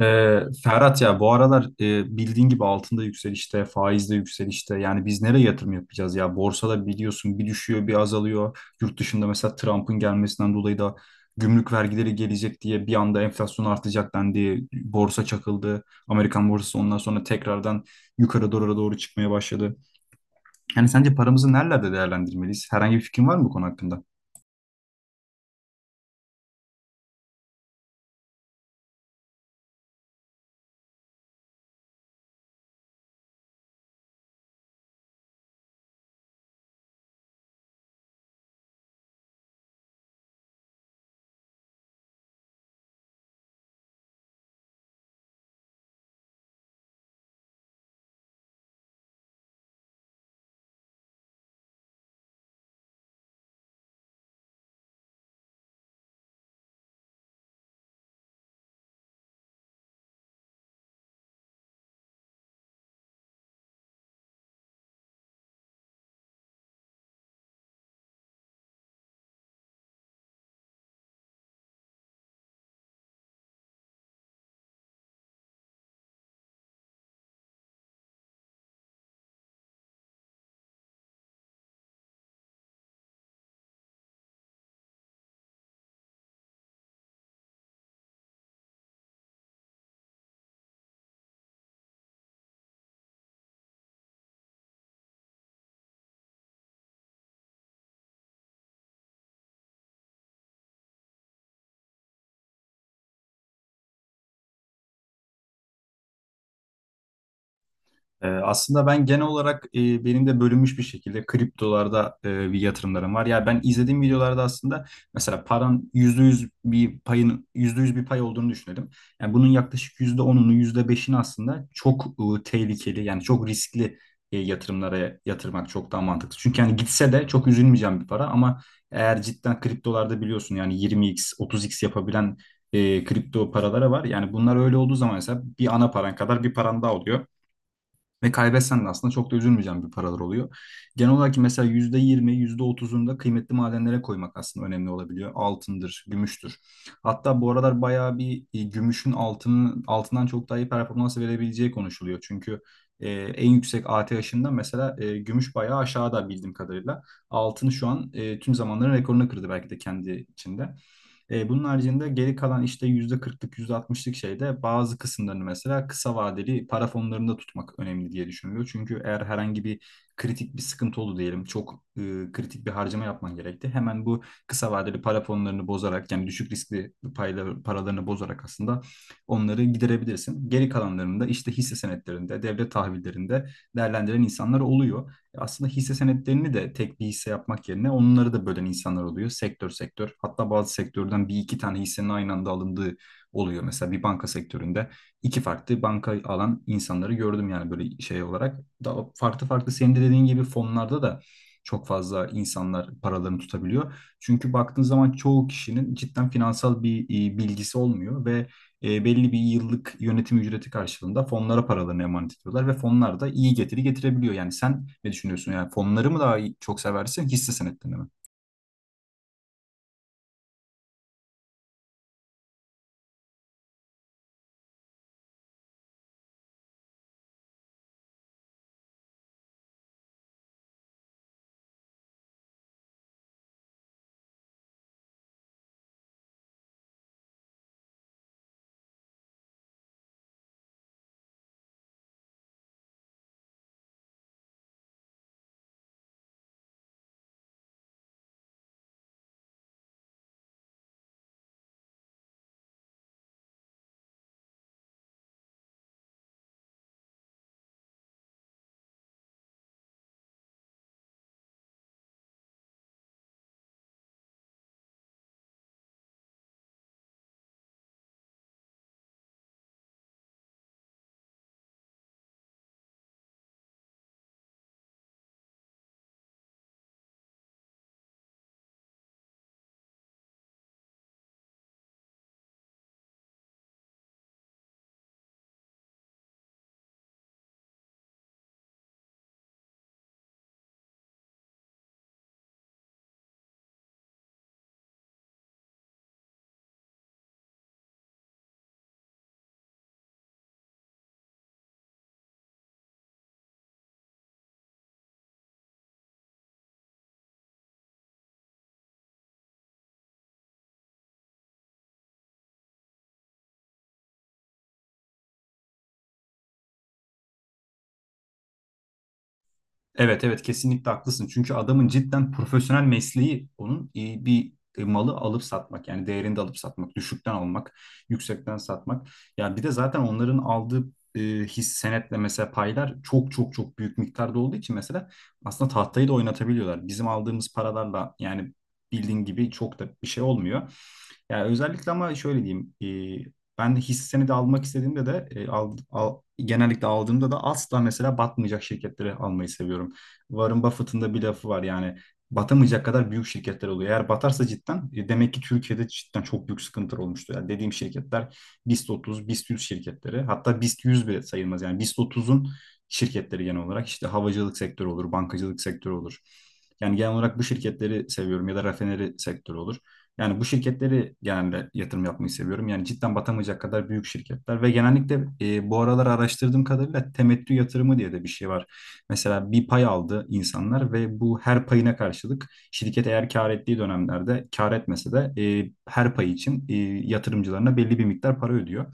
Ferhat ya bu aralar bildiğin gibi altında yükselişte, faizde yükselişte. Yani biz nereye yatırım yapacağız ya? Borsada biliyorsun bir düşüyor, bir azalıyor. Yurt dışında mesela Trump'ın gelmesinden dolayı da gümrük vergileri gelecek diye bir anda enflasyon artacak dendi. Borsa çakıldı. Amerikan borsası ondan sonra tekrardan yukarı doğru çıkmaya başladı. Yani sence paramızı nerelerde değerlendirmeliyiz? Herhangi bir fikrin var mı bu konu hakkında? Aslında ben genel olarak benim de bölünmüş bir şekilde kriptolarda bir yatırımlarım var. Yani ben izlediğim videolarda aslında mesela paran %100 bir payın %100 bir pay olduğunu düşünelim. Yani bunun yaklaşık %10'unu yüzde beşini aslında çok tehlikeli yani çok riskli yatırımlara yatırmak çok daha mantıklı. Çünkü yani gitse de çok üzülmeyeceğim bir para ama eğer cidden kriptolarda biliyorsun yani 20x 30x yapabilen kripto paralara var. Yani bunlar öyle olduğu zaman mesela bir ana paran kadar bir paran daha oluyor. Ve kaybetsen de aslında çok da üzülmeyeceğim bir paralar oluyor. Genel olarak mesela %20, %30'unu da kıymetli madenlere koymak aslında önemli olabiliyor. Altındır, gümüştür. Hatta bu aralar bayağı bir gümüşün altının altından çok daha iyi performans verebileceği konuşuluyor. Çünkü en yüksek ATH'inden mesela gümüş bayağı aşağıda bildiğim kadarıyla. Altın şu an tüm zamanların rekorunu kırdı belki de kendi içinde. Bunun haricinde geri kalan işte %40'lık yüzde altmışlık şeyde bazı kısımlarını mesela kısa vadeli para fonlarında tutmak önemli diye düşünülüyor. Çünkü eğer herhangi bir kritik bir sıkıntı oldu diyelim çok kritik bir harcama yapman gerekti. Hemen bu kısa vadeli para fonlarını bozarak yani düşük riskli payla, paralarını bozarak aslında onları giderebilirsin. Geri kalanlarını da işte hisse senetlerinde, devlet tahvillerinde değerlendiren insanlar oluyor. Aslında hisse senetlerini de tek bir hisse yapmak yerine onları da bölen insanlar oluyor. Sektör sektör. Hatta bazı sektörden bir iki tane hissenin aynı anda alındığı oluyor. Mesela bir banka sektöründe iki farklı banka alan insanları gördüm yani böyle şey olarak. Daha farklı farklı senin de dediğin gibi fonlarda da çok fazla insanlar paralarını tutabiliyor. Çünkü baktığın zaman çoğu kişinin cidden finansal bir bilgisi olmuyor ve belli bir yıllık yönetim ücreti karşılığında fonlara paralarını emanet ediyorlar ve fonlar da iyi getiri getirebiliyor. Yani sen ne düşünüyorsun? Yani fonları mı daha iyi- çok seversin, hisse senetlerini mi? Evet, evet, kesinlikle haklısın. Çünkü adamın cidden profesyonel mesleği onun bir malı alıp satmak, yani değerinde alıp satmak, düşükten almak, yüksekten satmak. Ya bir de zaten onların aldığı e, his senetle mesela paylar çok çok çok büyük miktarda olduğu için mesela aslında tahtayı da oynatabiliyorlar. Bizim aldığımız paralarla yani bildiğin gibi çok da bir şey olmuyor. Yani özellikle ama şöyle diyeyim, ben de hissesini de almak istediğimde de, genellikle aldığımda da asla mesela batmayacak şirketleri almayı seviyorum. Warren Buffett'ın da bir lafı var yani batamayacak kadar büyük şirketler oluyor. Eğer batarsa cidden demek ki Türkiye'de cidden çok büyük sıkıntılar olmuştu. Yani dediğim şirketler BIST 30, BIST 100 şirketleri, hatta BIST 100 bile sayılmaz. Yani BIST 30'un şirketleri genel olarak işte havacılık sektörü olur, bankacılık sektörü olur. Yani genel olarak bu şirketleri seviyorum ya da rafineri sektörü olur. Yani bu şirketleri genelde yatırım yapmayı seviyorum. Yani cidden batamayacak kadar büyük şirketler ve genellikle bu aralar araştırdığım kadarıyla temettü yatırımı diye de bir şey var. Mesela bir pay aldı insanlar ve bu her payına karşılık şirket eğer kar ettiği dönemlerde, kar etmese de, her pay için yatırımcılarına belli bir miktar para ödüyor.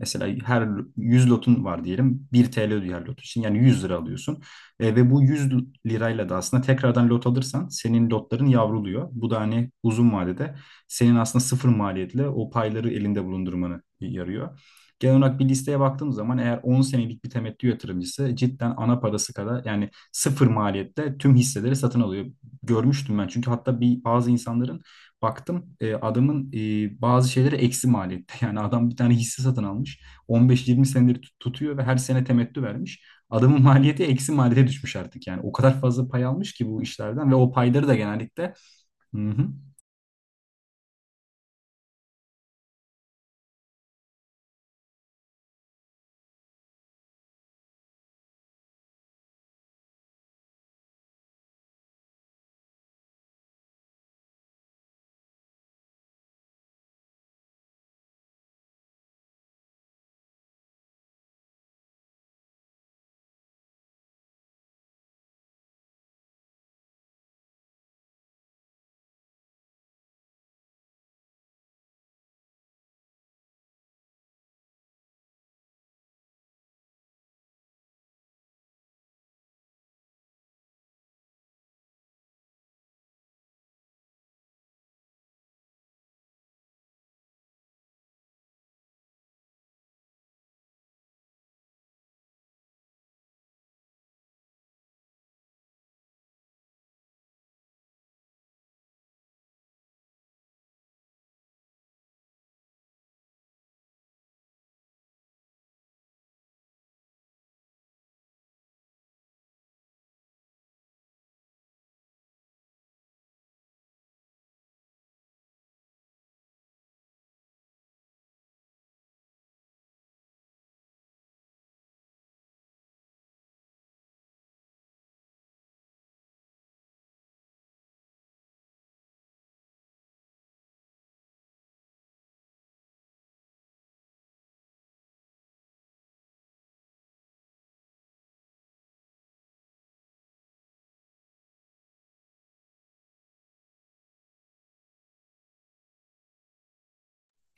Mesela her 100 lotun var diyelim. 1 TL ödüyor her lot için. Yani 100 lira alıyorsun. Ve bu 100 lirayla da aslında tekrardan lot alırsan senin lotların yavruluyor. Bu da hani uzun vadede senin aslında sıfır maliyetle o payları elinde bulundurmanı yarıyor. Genel olarak bir listeye baktığım zaman eğer 10 senelik bir temettü yatırımcısı cidden ana parası kadar, yani sıfır maliyette tüm hisseleri satın alıyor. Görmüştüm ben, çünkü hatta bir bazı insanların baktım adamın bazı şeyleri eksi maliyette. Yani adam bir tane hisse satın almış. 15-20 senedir tutuyor ve her sene temettü vermiş. Adamın maliyeti eksi maliyete düşmüş artık yani. O kadar fazla pay almış ki bu işlerden ve o payları da genellikle.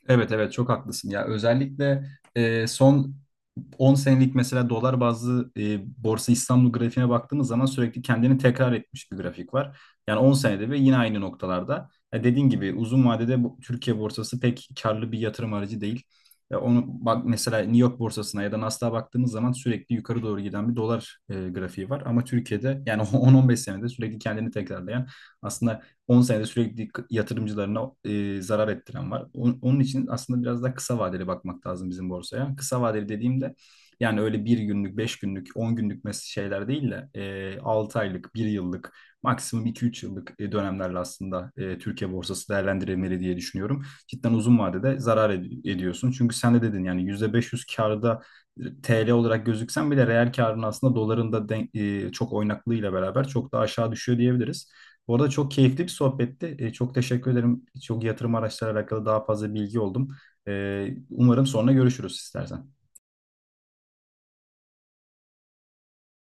Evet, evet, çok haklısın ya. Özellikle son 10 senelik mesela dolar bazlı Borsa İstanbul grafiğine baktığımız zaman sürekli kendini tekrar etmiş bir grafik var. Yani 10 senede ve yine aynı noktalarda. Ya dediğin gibi uzun vadede bu, Türkiye borsası pek karlı bir yatırım aracı değil. Ya onu bak, mesela New York borsasına ya da Nasdaq'a baktığımız zaman sürekli yukarı doğru giden bir dolar grafiği var. Ama Türkiye'de yani 10-15 senede sürekli kendini tekrarlayan, aslında 10 senede sürekli yatırımcılarına zarar ettiren var. Onun için aslında biraz daha kısa vadeli bakmak lazım bizim borsaya. Kısa vadeli dediğimde yani öyle bir günlük, 5 günlük, 10 günlük şeyler değil de, 6 aylık, bir yıllık, maksimum 2-3 yıllık dönemlerle aslında Türkiye borsası değerlendirilmeli diye düşünüyorum. Cidden uzun vadede zarar ediyorsun. Çünkü sen de dedin yani %500 karda TL olarak gözüksen bile reel karın aslında çok oynaklığıyla beraber çok daha aşağı düşüyor diyebiliriz. Bu arada çok keyifli bir sohbetti. Çok teşekkür ederim. Çok yatırım araçları alakalı daha fazla bilgi oldum. Umarım sonra görüşürüz istersen.